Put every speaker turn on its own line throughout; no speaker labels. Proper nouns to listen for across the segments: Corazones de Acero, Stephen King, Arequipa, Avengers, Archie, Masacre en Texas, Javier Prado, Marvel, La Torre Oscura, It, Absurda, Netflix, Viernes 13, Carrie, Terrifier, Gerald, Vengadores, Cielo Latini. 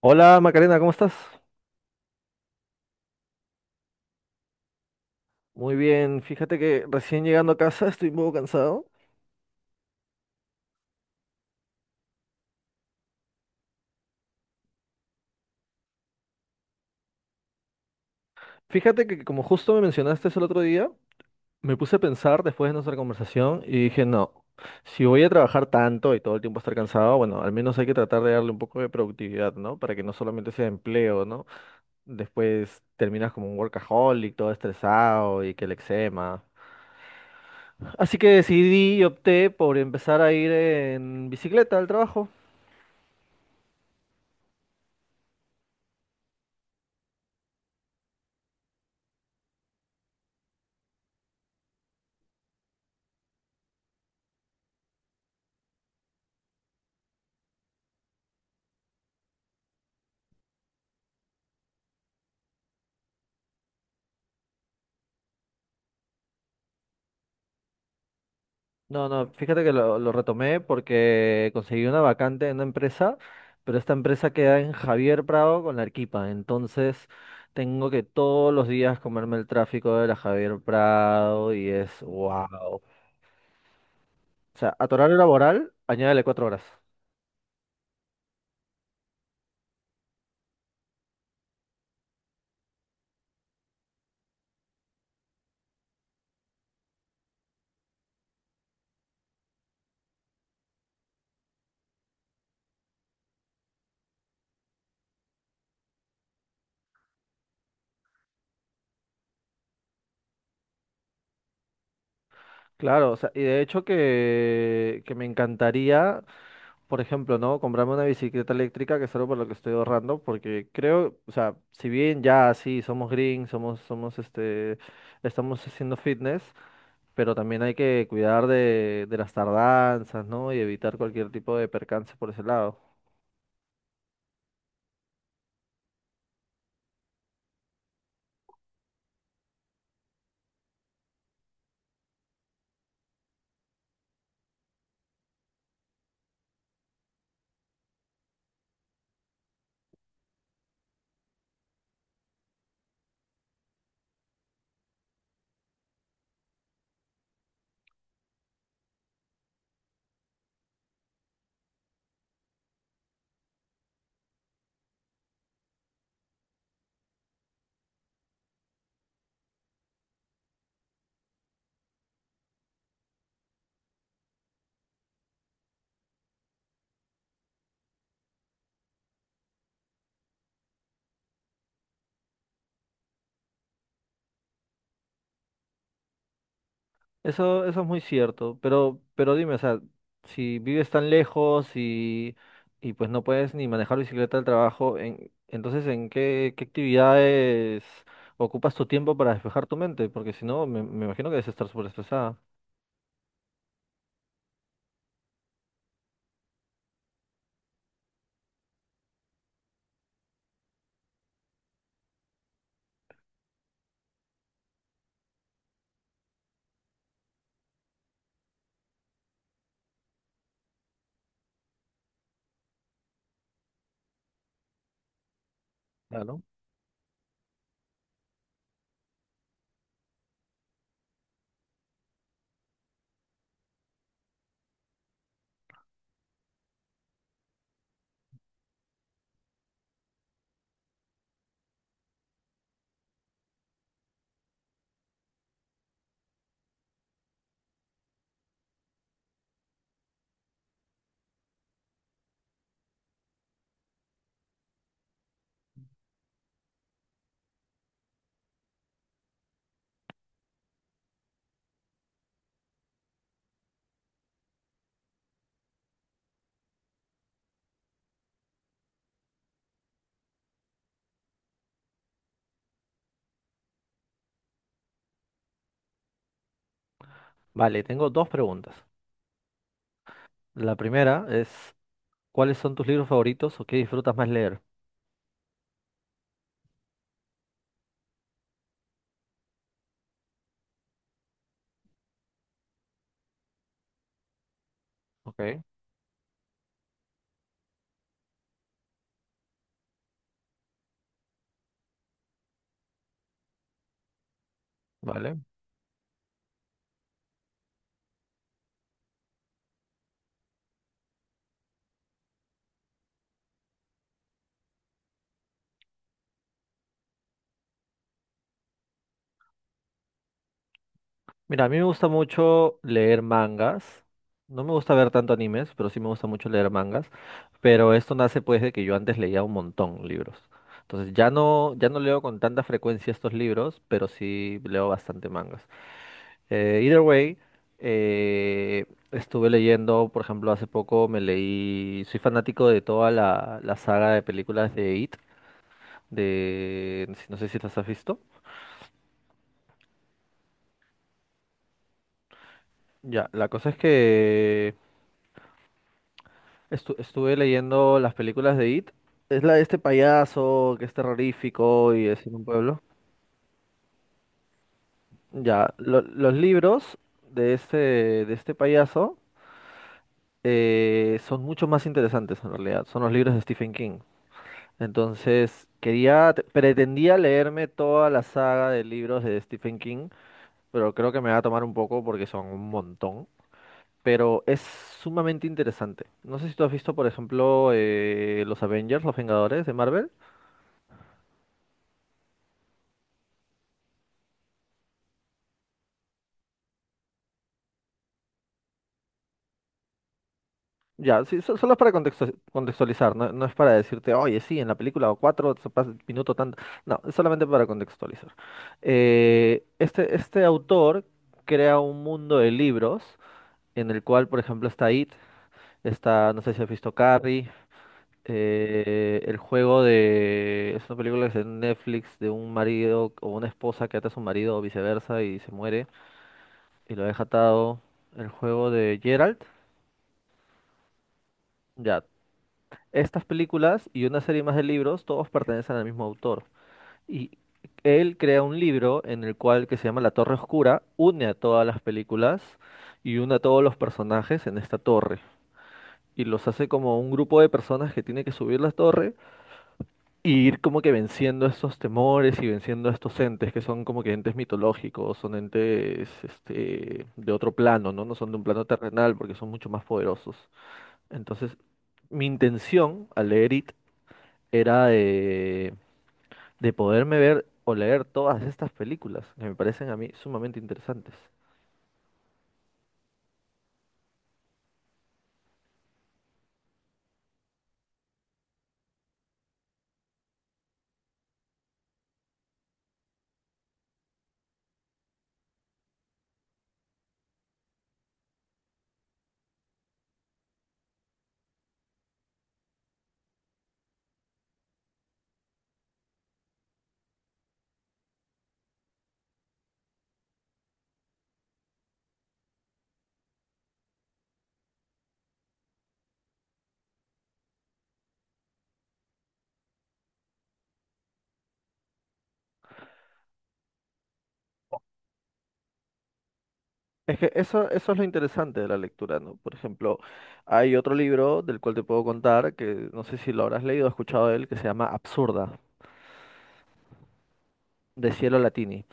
Hola Macarena, ¿cómo estás? Muy bien, fíjate que recién llegando a casa estoy un poco cansado. Fíjate que como justo me mencionaste eso el otro día, me puse a pensar después de nuestra conversación y dije, no, si voy a trabajar tanto y todo el tiempo estar cansado, bueno, al menos hay que tratar de darle un poco de productividad, ¿no? Para que no solamente sea empleo, ¿no? Después terminas como un workaholic, todo estresado y que el eczema. Así que decidí y opté por empezar a ir en bicicleta al trabajo. No, no, fíjate que lo retomé porque conseguí una vacante en una empresa, pero esta empresa queda en Javier Prado con la Arequipa, entonces tengo que todos los días comerme el tráfico de la Javier Prado y es wow. O sea, a tu horario laboral, añádele cuatro horas. Claro, o sea, y de hecho que me encantaría por ejemplo, ¿no? Comprarme una bicicleta eléctrica, que es algo por lo que estoy ahorrando, porque creo, o sea, si bien ya sí somos green, somos, somos estamos haciendo fitness, pero también hay que cuidar de las tardanzas, ¿no? Y evitar cualquier tipo de percance por ese lado. Eso es muy cierto, pero dime, o sea, si vives tan lejos y pues no puedes ni manejar bicicleta al trabajo, entonces ¿en qué, qué actividades ocupas tu tiempo para despejar tu mente? Porque si no, me imagino que debes estar súper estresada. Claro. Vale, tengo dos preguntas. La primera es, ¿cuáles son tus libros favoritos o qué disfrutas más leer? Ok, vale. Mira, a mí me gusta mucho leer mangas. No me gusta ver tanto animes, pero sí me gusta mucho leer mangas. Pero esto nace pues de que yo antes leía un montón libros. Entonces ya no, ya no leo con tanta frecuencia estos libros, pero sí leo bastante mangas. Either way, eh, estuve leyendo, por ejemplo, hace poco me leí, soy fanático de toda la saga de películas de It, de, no sé si las has visto. Ya, la cosa es que estuve leyendo las películas de It. Es la de este payaso que es terrorífico y es en un pueblo. Ya, los libros de este payaso son mucho más interesantes en realidad. Son los libros de Stephen King. Entonces, pretendía leerme toda la saga de libros de Stephen King, pero creo que me va a tomar un poco porque son un montón. Pero es sumamente interesante. No sé si tú has visto, por ejemplo, los Avengers, los Vengadores de Marvel. Ya, sí, solo es para contextualizar, no, no es para decirte, oye, sí, en la película o cuatro, se pasa el minuto tanto. No, es solamente para contextualizar. Este autor crea un mundo de libros en el cual, por ejemplo, está It, está, no sé si has visto Carrie, el juego de... Es una película que se ve en Netflix de un marido o una esposa que ata a su marido o viceversa y se muere y lo deja atado. El juego de Gerald. Ya. Estas películas y una serie más de libros, todos pertenecen al mismo autor. Y él crea un libro en el cual, que se llama La Torre Oscura, une a todas las películas y une a todos los personajes en esta torre. Y los hace como un grupo de personas que tiene que subir la torre y ir como que venciendo estos temores y venciendo estos entes que son como que entes mitológicos, son entes este, de otro plano, ¿no? No son de un plano terrenal porque son mucho más poderosos. Entonces, mi intención al leer It era de poderme ver o leer todas estas películas, que me parecen a mí sumamente interesantes. Es que eso es lo interesante de la lectura, ¿no? Por ejemplo, hay otro libro del cual te puedo contar, que no sé si lo habrás leído o escuchado de él, que se llama Absurda, de Cielo Latini.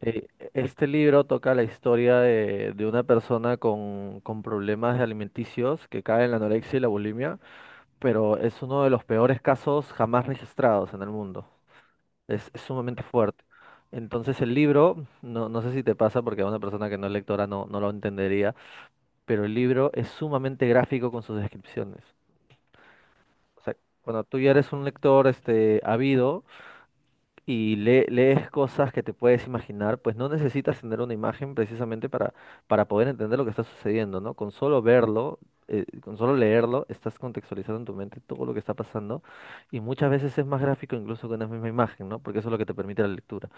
Eh, este libro toca la historia de una persona con problemas alimenticios que cae en la anorexia y la bulimia, pero es uno de los peores casos jamás registrados en el mundo. Es sumamente fuerte. Entonces el libro, no, no sé si te pasa porque a una persona que no es lectora no, no lo entendería, pero el libro es sumamente gráfico con sus descripciones. O sea, cuando tú ya eres un lector este, ávido y lees cosas que te puedes imaginar, pues no necesitas tener una imagen precisamente para poder entender lo que está sucediendo, ¿no? Con solo verlo, con solo leerlo, estás contextualizando en tu mente todo lo que está pasando y muchas veces es más gráfico incluso que una misma imagen, ¿no? Porque eso es lo que te permite la lectura.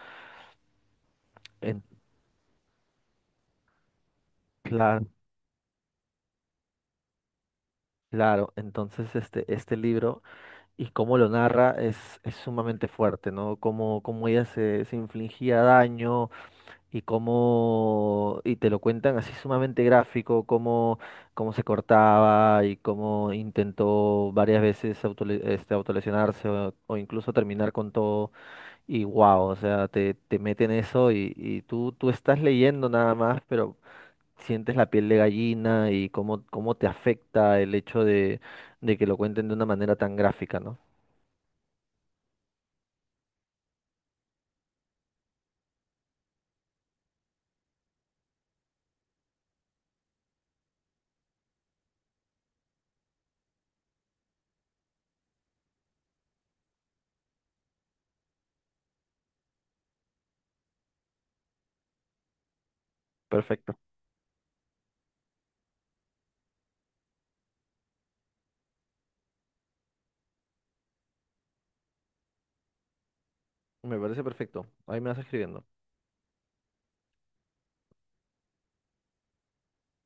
Claro, claro. Entonces, este libro y cómo lo narra es sumamente fuerte, ¿no? Cómo, cómo ella se, se infligía daño y cómo, y te lo cuentan así sumamente gráfico, cómo, cómo se cortaba y cómo intentó varias veces autolesionarse o incluso terminar con todo. Y wow, o sea, te meten eso y tú estás leyendo nada más, pero sientes la piel de gallina y cómo, cómo te afecta el hecho de que lo cuenten de una manera tan gráfica, ¿no? Perfecto, me parece perfecto. Ahí me vas escribiendo.